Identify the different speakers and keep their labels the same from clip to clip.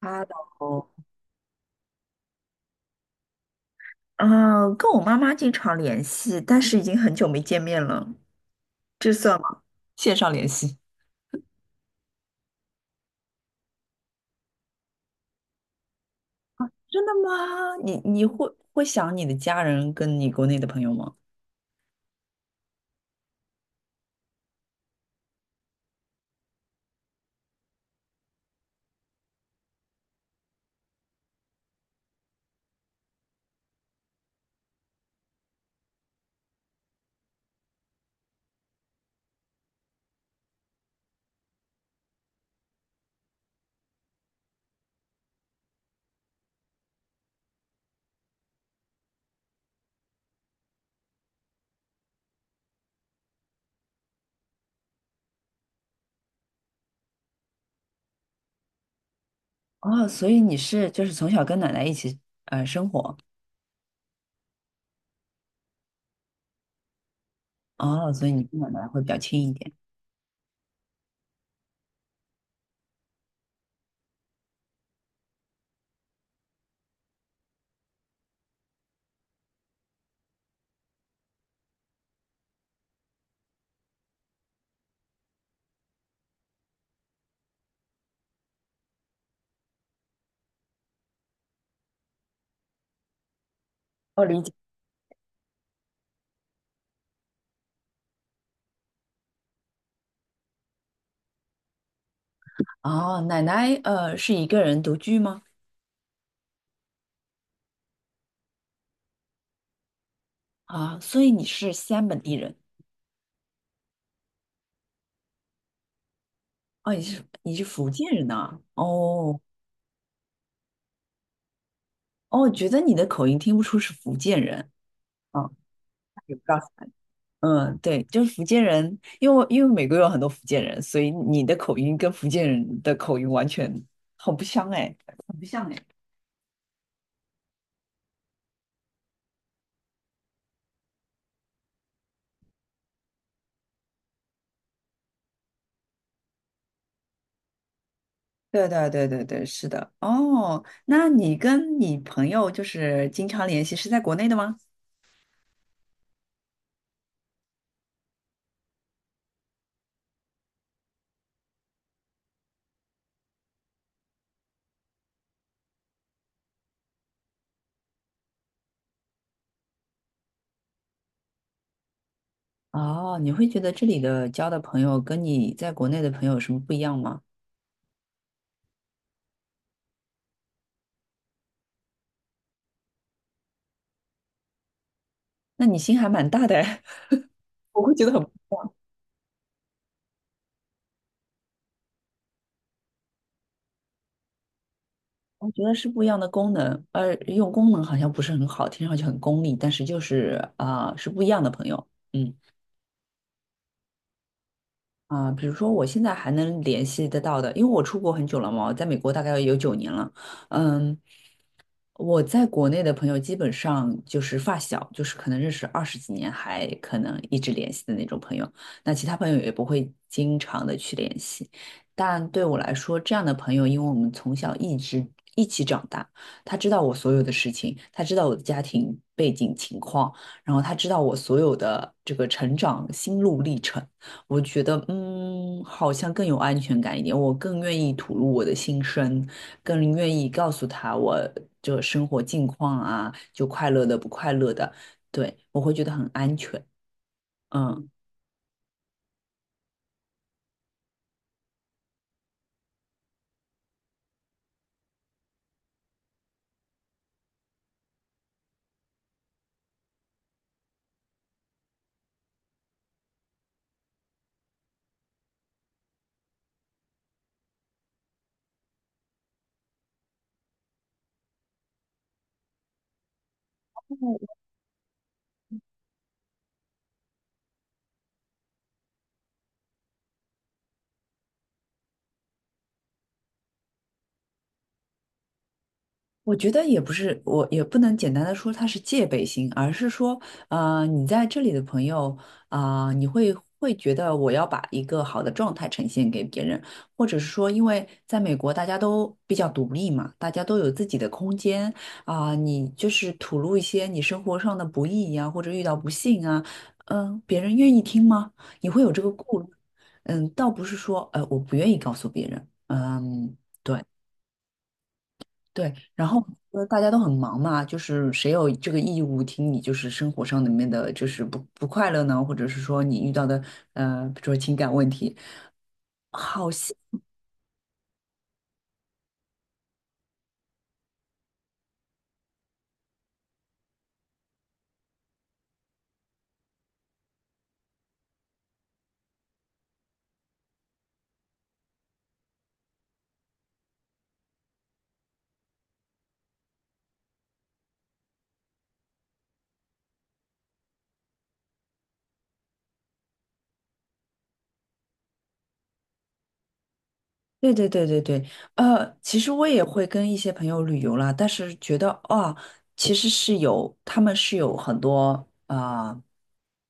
Speaker 1: 哈喽。啊，跟我妈妈经常联系，但是已经很久没见面了，这算吗？线上联系。真的吗？你会想你的家人跟你国内的朋友吗？哦，所以你是就是从小跟奶奶一起生活。哦，所以你跟奶奶会比较亲一点。我理解。哦，奶奶是一个人独居吗？啊，所以你是西安本地人。哦，你是福建人呐，哦。哦，觉得你的口音听不出是福建人。哦，嗯，对，就是福建人，因为美国有很多福建人，所以你的口音跟福建人的口音完全很不相哎。很不像哎。对对对对对，是的。哦，那你跟你朋友就是经常联系，是在国内的吗？哦，你会觉得这里的交的朋友跟你在国内的朋友有什么不一样吗？那你心还蛮大的哎，我会觉得很。我觉得是不一样的功能。用功能好像不是很好，听上去很功利，但是就是啊，是不一样的朋友。嗯。啊，比如说我现在还能联系得到的，因为我出国很久了嘛，我在美国大概有9年了。嗯，我在国内的朋友基本上就是发小，就是可能认识20几年，还可能一直联系的那种朋友。那其他朋友也不会经常的去联系。但对我来说，这样的朋友，因为我们从小一直一起长大，他知道我所有的事情，他知道我的家庭背景情况，然后他知道我所有的这个成长心路历程。我觉得，好像更有安全感一点，我更愿意吐露我的心声。更愿意告诉他我这生活近况啊，就快乐的不快乐的。对，我会觉得很安全。嗯。我觉得也不是，我也不能简单的说他是戒备心，而是说，你在这里的朋友，啊，你会觉得我要把一个好的状态呈现给别人，或者是说，因为在美国大家都比较独立嘛，大家都有自己的空间啊，你就是吐露一些你生活上的不易呀，或者遇到不幸啊。别人愿意听吗？你会有这个顾虑。嗯，倒不是说，我不愿意告诉别人。嗯。对，然后大家都很忙嘛，就是谁有这个义务听你就是生活上里面的就是不快乐呢，或者是说你遇到的，比如说情感问题。好。对对对对对。其实我也会跟一些朋友旅游啦，但是觉得啊，其实是有，他们是有很多啊、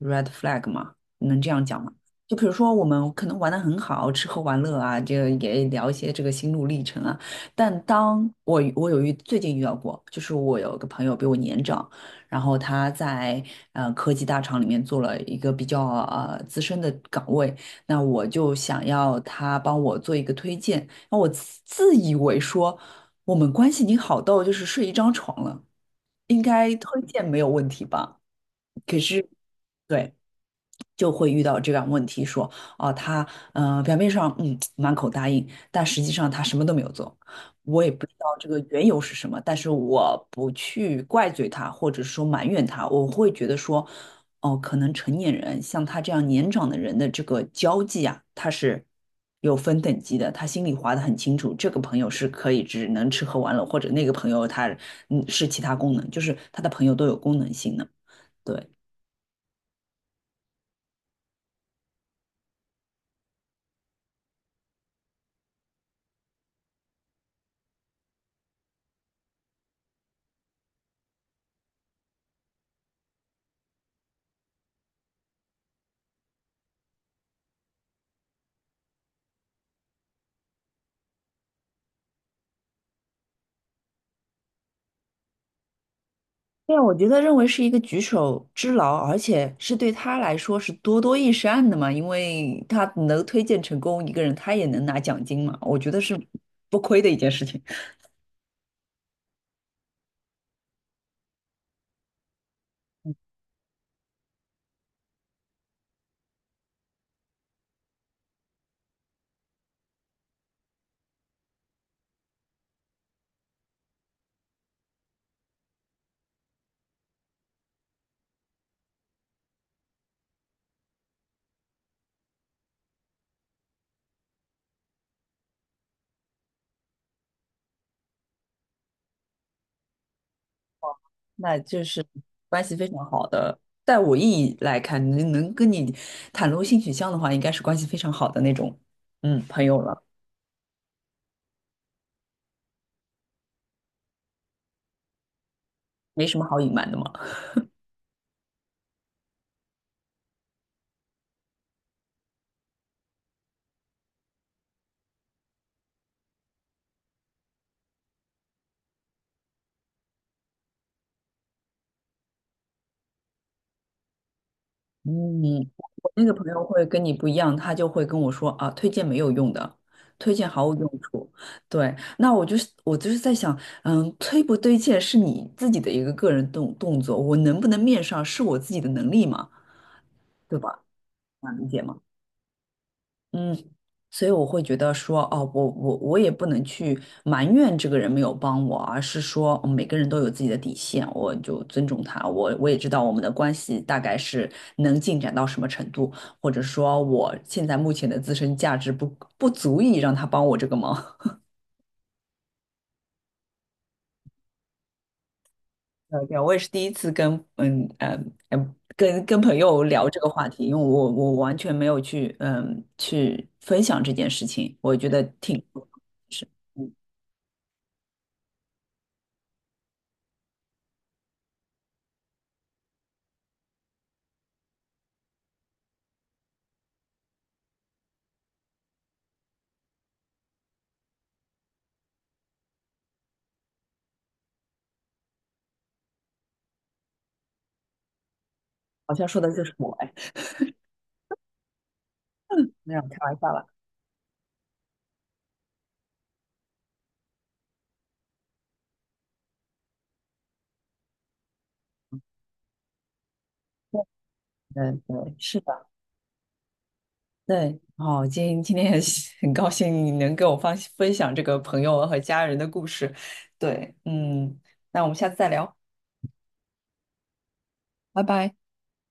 Speaker 1: red flag 嘛，能这样讲吗？就比如说我们可能玩的很好，吃喝玩乐啊，这个也聊一些这个心路历程啊。但当我最近遇到过，就是我有个朋友比我年长，然后他在科技大厂里面做了一个比较资深的岗位。那我就想要他帮我做一个推荐。那我自以为说我们关系已经好到就是睡一张床了，应该推荐没有问题吧？是。对。就会遇到这样问题说，啊，他表面上满口答应，但实际上他什么都没有做。我也不知道这个缘由是什么，但是我不去怪罪他，或者说埋怨他，我会觉得说，哦，可能成年人像他这样年长的人的这个交际啊，他是有分等级的，他心里划得很清楚，这个朋友是可以只能吃喝玩乐，或者那个朋友他是其他功能，就是他的朋友都有功能性的。对。对，我觉得认为是一个举手之劳，而且是对他来说是多多益善的嘛，因为他能推荐成功一个人，他也能拿奖金嘛，我觉得是不亏的一件事情。那就是关系非常好的。在我意义来看，能跟你袒露性取向的话，应该是关系非常好的那种，嗯，朋友了。没什么好隐瞒的嘛。嗯，我那个朋友会跟你不一样，他就会跟我说啊，推荐没有用的，推荐毫无用处。对，那我就是在想。推不推荐是你自己的一个个人动作，我能不能面上是我自己的能力嘛，对吧？能理解吗？嗯，所以我会觉得说，哦，我也不能去埋怨这个人没有帮我，而是说，每个人都有自己的底线，我就尊重他。我也知道我们的关系大概是能进展到什么程度，或者说我现在目前的自身价值不足以让他帮我这个忙。对，我也是第一次跟朋友聊这个话题，因为我完全没有去去分享这件事情，我觉得挺是好像说的就是我哎。没有开玩笑了。嗯，对，是的。对，哦，今天很高兴你能跟我分享这个朋友和家人的故事。对。嗯，那我们下次再聊，拜拜。